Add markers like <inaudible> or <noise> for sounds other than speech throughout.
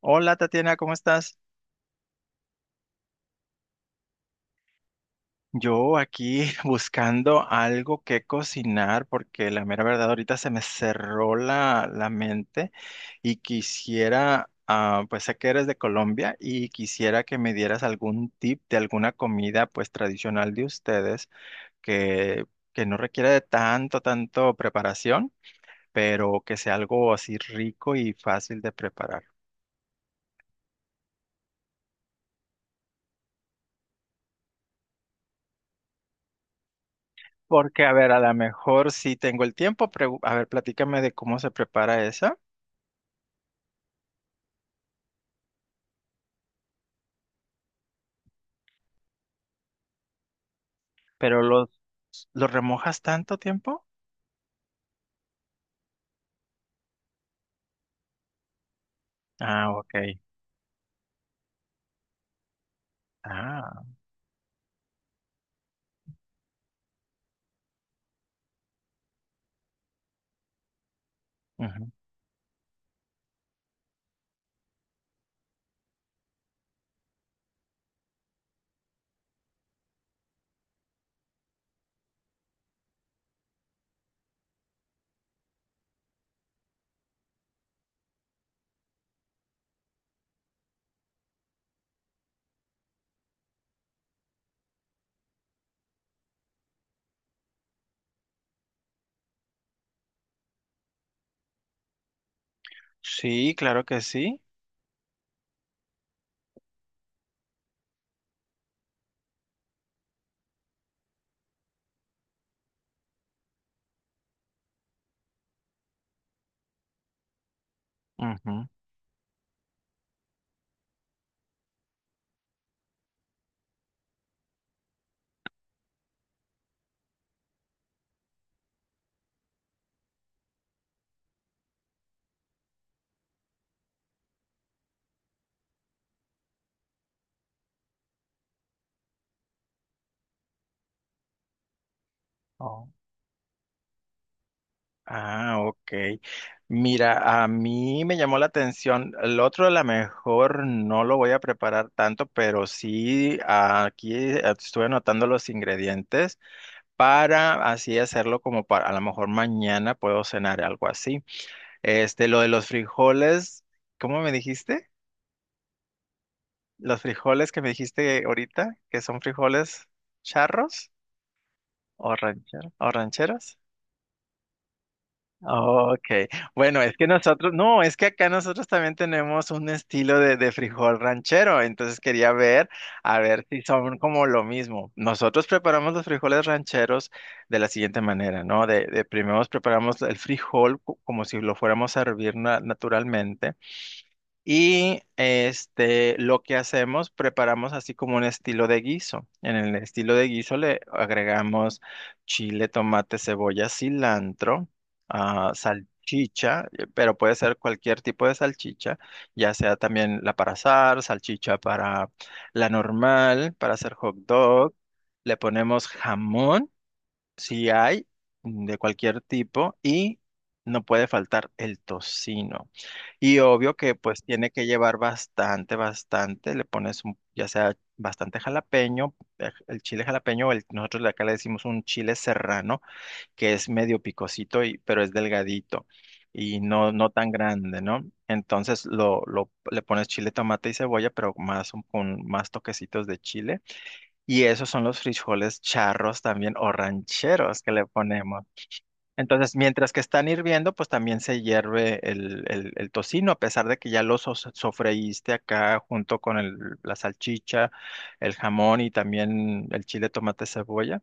Hola Tatiana, ¿cómo estás? Yo aquí <laughs> buscando algo que cocinar porque la mera verdad ahorita se me cerró la mente y quisiera, pues sé que eres de Colombia y quisiera que me dieras algún tip de alguna comida pues tradicional de ustedes que, que no requiere de tanto preparación, pero que sea algo así rico y fácil de preparar. Porque, a ver, a lo mejor sí tengo el tiempo, pero a ver, platícame de cómo se prepara esa. Pero los, ¿Los remojas tanto tiempo? Ah, ok. Ah, ujú. Sí, claro que sí. Ujú. Oh, ah, ok. Mira, a mí me llamó la atención. El otro a lo mejor no lo voy a preparar tanto, pero sí aquí estuve anotando los ingredientes para así hacerlo como para a lo mejor mañana puedo cenar algo así. Este, lo de los frijoles, ¿cómo me dijiste? Los frijoles que me dijiste ahorita, que son frijoles charros o rancheros, o rancheros. Ok, bueno, es que nosotros, no, es que acá nosotros también tenemos un estilo de frijol ranchero, entonces quería ver, a ver si son como lo mismo. Nosotros preparamos los frijoles rancheros de la siguiente manera, ¿no? De primero preparamos el frijol como si lo fuéramos a hervir naturalmente. Y este, lo que hacemos, preparamos así como un estilo de guiso. En el estilo de guiso le agregamos chile, tomate, cebolla, cilantro, salchicha, pero puede ser cualquier tipo de salchicha, ya sea también la para asar, salchicha para la normal, para hacer hot dog. Le ponemos jamón. Si hay de cualquier tipo y no puede faltar el tocino. Y obvio que pues tiene que llevar bastante, bastante. Le pones un, ya sea bastante jalapeño, el chile jalapeño, o el, nosotros de acá le decimos un chile serrano, que es medio picosito, y, pero es delgadito y no, no tan grande, ¿no? Entonces le pones chile, tomate y cebolla, pero más con más toquecitos de chile. Y esos son los frijoles charros también o rancheros que le ponemos. Entonces, mientras que están hirviendo, pues también se hierve el tocino, a pesar de que ya lo sofreíste acá junto con la salchicha, el jamón y también el chile, tomate, cebolla,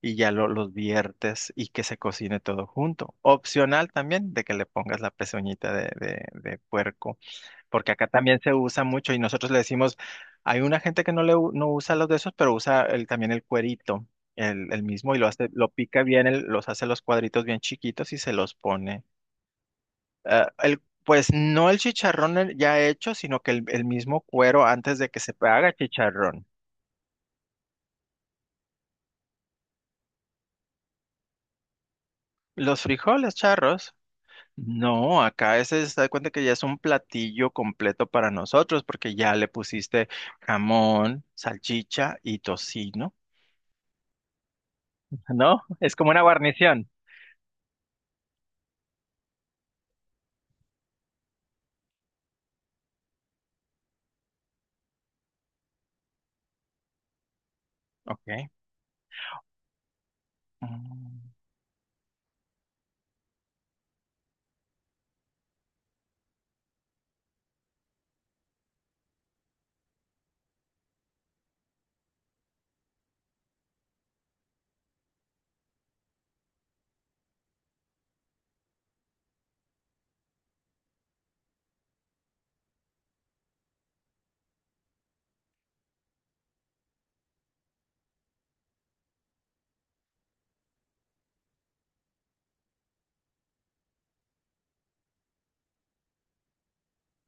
y ya los viertes y que se cocine todo junto. Opcional también de que le pongas la pezuñita de puerco porque acá también se usa mucho y nosotros le decimos, hay una gente que no le no usa los de esos, pero usa el, también el cuerito, el mismo, y lo hace, lo pica bien, los hace los cuadritos bien chiquitos y se los pone. Ah, el, pues no el chicharrón ya hecho, sino que el mismo cuero antes de que se haga chicharrón. Los frijoles charros. No, acá ese se da cuenta que ya es un platillo completo para nosotros, porque ya le pusiste jamón, salchicha y tocino. ¿No? Es como una guarnición. Ok. Mm,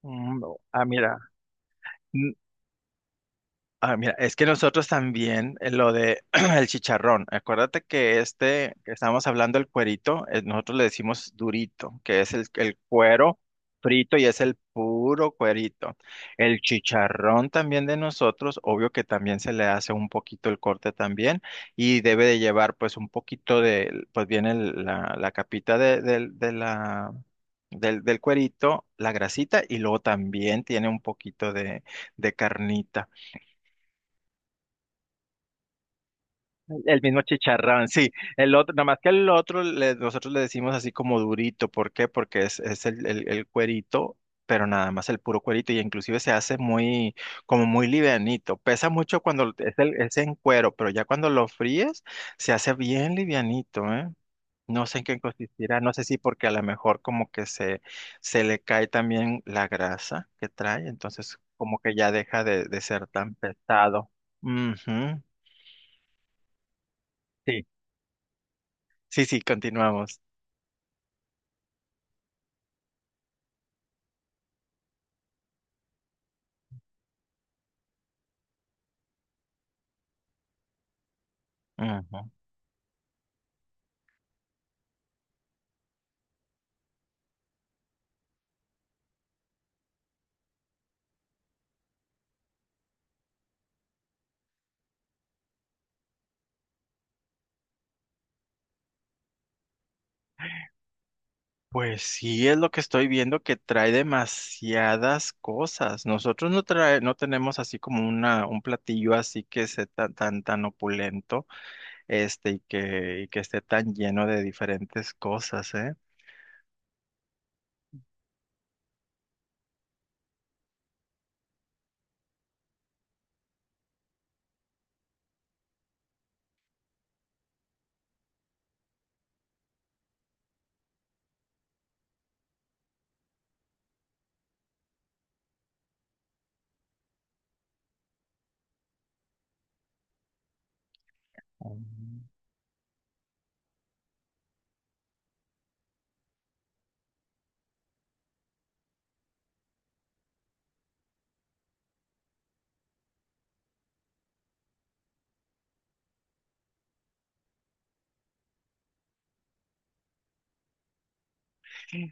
mm, mira. Ah, mira, es que nosotros también lo de <clears throat> el chicharrón. Acuérdate que este que estábamos hablando el cuerito, nosotros le decimos durito, que es el cuero frito y es el puro cuerito. El chicharrón también de nosotros, obvio que también se le hace un poquito el corte también y debe de llevar pues un poquito de, pues viene la, la capita de, de la del cuerito, la grasita y luego también tiene un poquito de carnita. El mismo chicharrón, sí. El otro, nada más que el otro, nosotros le decimos así como durito. ¿Por qué? Porque es el cuerito, pero nada más el puro cuerito. Y inclusive se hace muy, como muy livianito. Pesa mucho cuando es, es en cuero, pero ya cuando lo fríes, se hace bien livianito, ¿eh? No sé en qué consistirá. No sé si porque a lo mejor como que se le cae también la grasa que trae. Entonces como que ya deja de ser tan pesado. Ujú. Sí. Sí, sí, continuamos. Ujú. Pues sí, es lo que estoy viendo que trae demasiadas cosas. Nosotros no trae, no tenemos así como una, un platillo así que sea tan opulento, este, y que esté tan lleno de diferentes cosas, ¿eh? Mm.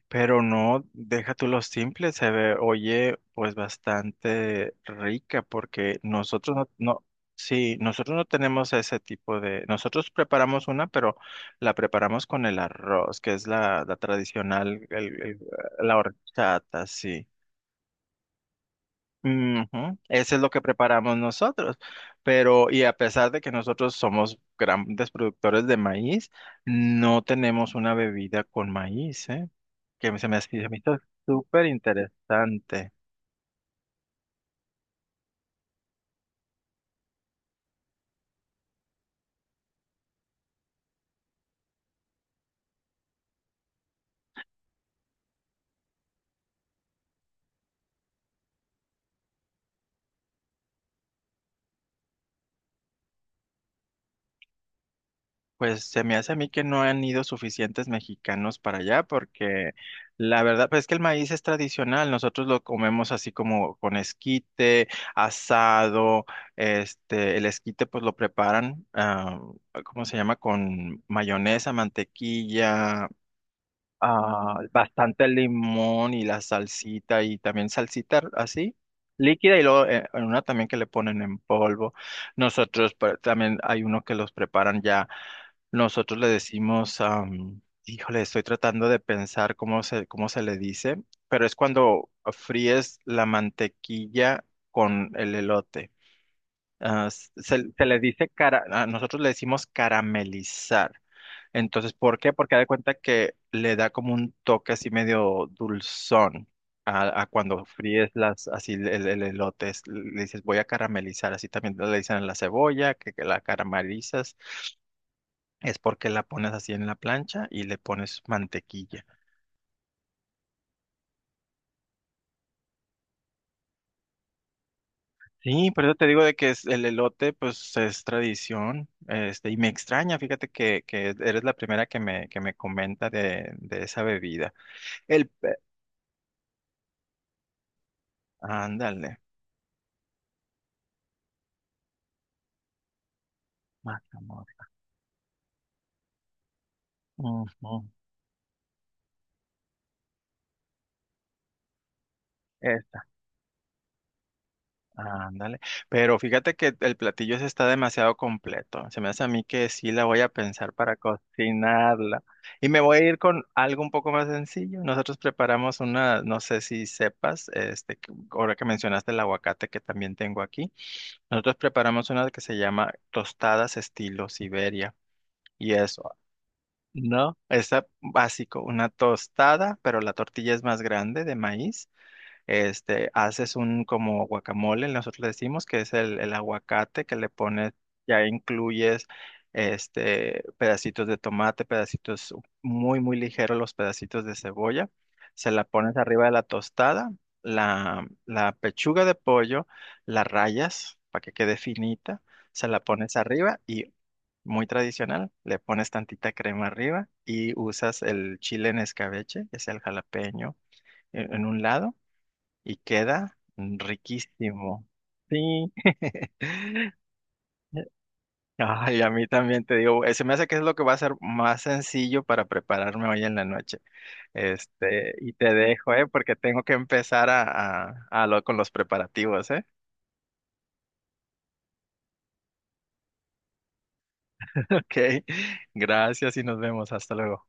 Pero no, deja tú lo simple, se ve, oye, pues bastante rica, porque nosotros no, no, sí, nosotros no tenemos ese tipo de, nosotros preparamos una, pero la preparamos con el arroz, que es la tradicional, la horchata, sí. Ujú, eso es lo que preparamos nosotros, pero y a pesar de que nosotros somos grandes productores de maíz, no tenemos una bebida con maíz, ¿eh? Que se me, se me hizo súper interesante. Pues se me hace a mí que no han ido suficientes mexicanos para allá porque la verdad pues es que el maíz es tradicional, nosotros lo comemos así como con esquite, asado, este, el esquite pues lo preparan, ¿cómo se llama? Con mayonesa, mantequilla, bastante limón y la salsita y también salsita así líquida y luego en una también que le ponen en polvo. Nosotros también hay uno que los preparan ya. Nosotros le decimos, híjole, estoy tratando de pensar cómo se le dice, pero es cuando fríes la mantequilla con el elote. Ah, se le dice cara, a nosotros le decimos caramelizar. Entonces, ¿por qué? Porque haz de cuenta que le da como un toque así medio dulzón a cuando fríes las, así el, el elote. Es- le dices, voy a caramelizar. Así también le dicen a la cebolla, que la caramelizas. Es porque la pones así en la plancha y le pones mantequilla. Sí, por eso te digo de que es el elote, pues es tradición, este, y me extraña, fíjate que eres la primera que me comenta de esa bebida. El, pe- ándale, guacamole. Ujú, esta, ándale. Pero fíjate que el platillo ese está demasiado completo. Se me hace a mí que sí la voy a pensar para cocinarla. Y me voy a ir con algo un poco más sencillo. Nosotros preparamos una, no sé si sepas, este, que- ahora que mencionaste el aguacate que también tengo aquí. Nosotros preparamos una que se llama tostadas estilo Siberia. Y eso, ¿no? Es básico, una tostada, pero la tortilla es más grande de maíz. Este, haces un como guacamole, nosotros le decimos que es el aguacate que le pones, ya incluyes este pedacitos de tomate, pedacitos muy, muy ligeros, los pedacitos de cebolla. Se la pones arriba de la tostada, la pechuga de pollo, la rayas para que quede finita, se la pones arriba y muy tradicional, le pones tantita crema arriba y usas el chile en escabeche, que es el jalapeño en un lado y queda riquísimo. Sí. <laughs> Ay, a mí también te digo, se me hace que es lo que va a ser más sencillo para prepararme hoy en la noche. Este, y te dejo, ¿eh? Porque tengo que empezar a, a con los preparativos, ¿eh? <laughs> Ok, gracias y nos vemos. Hasta luego.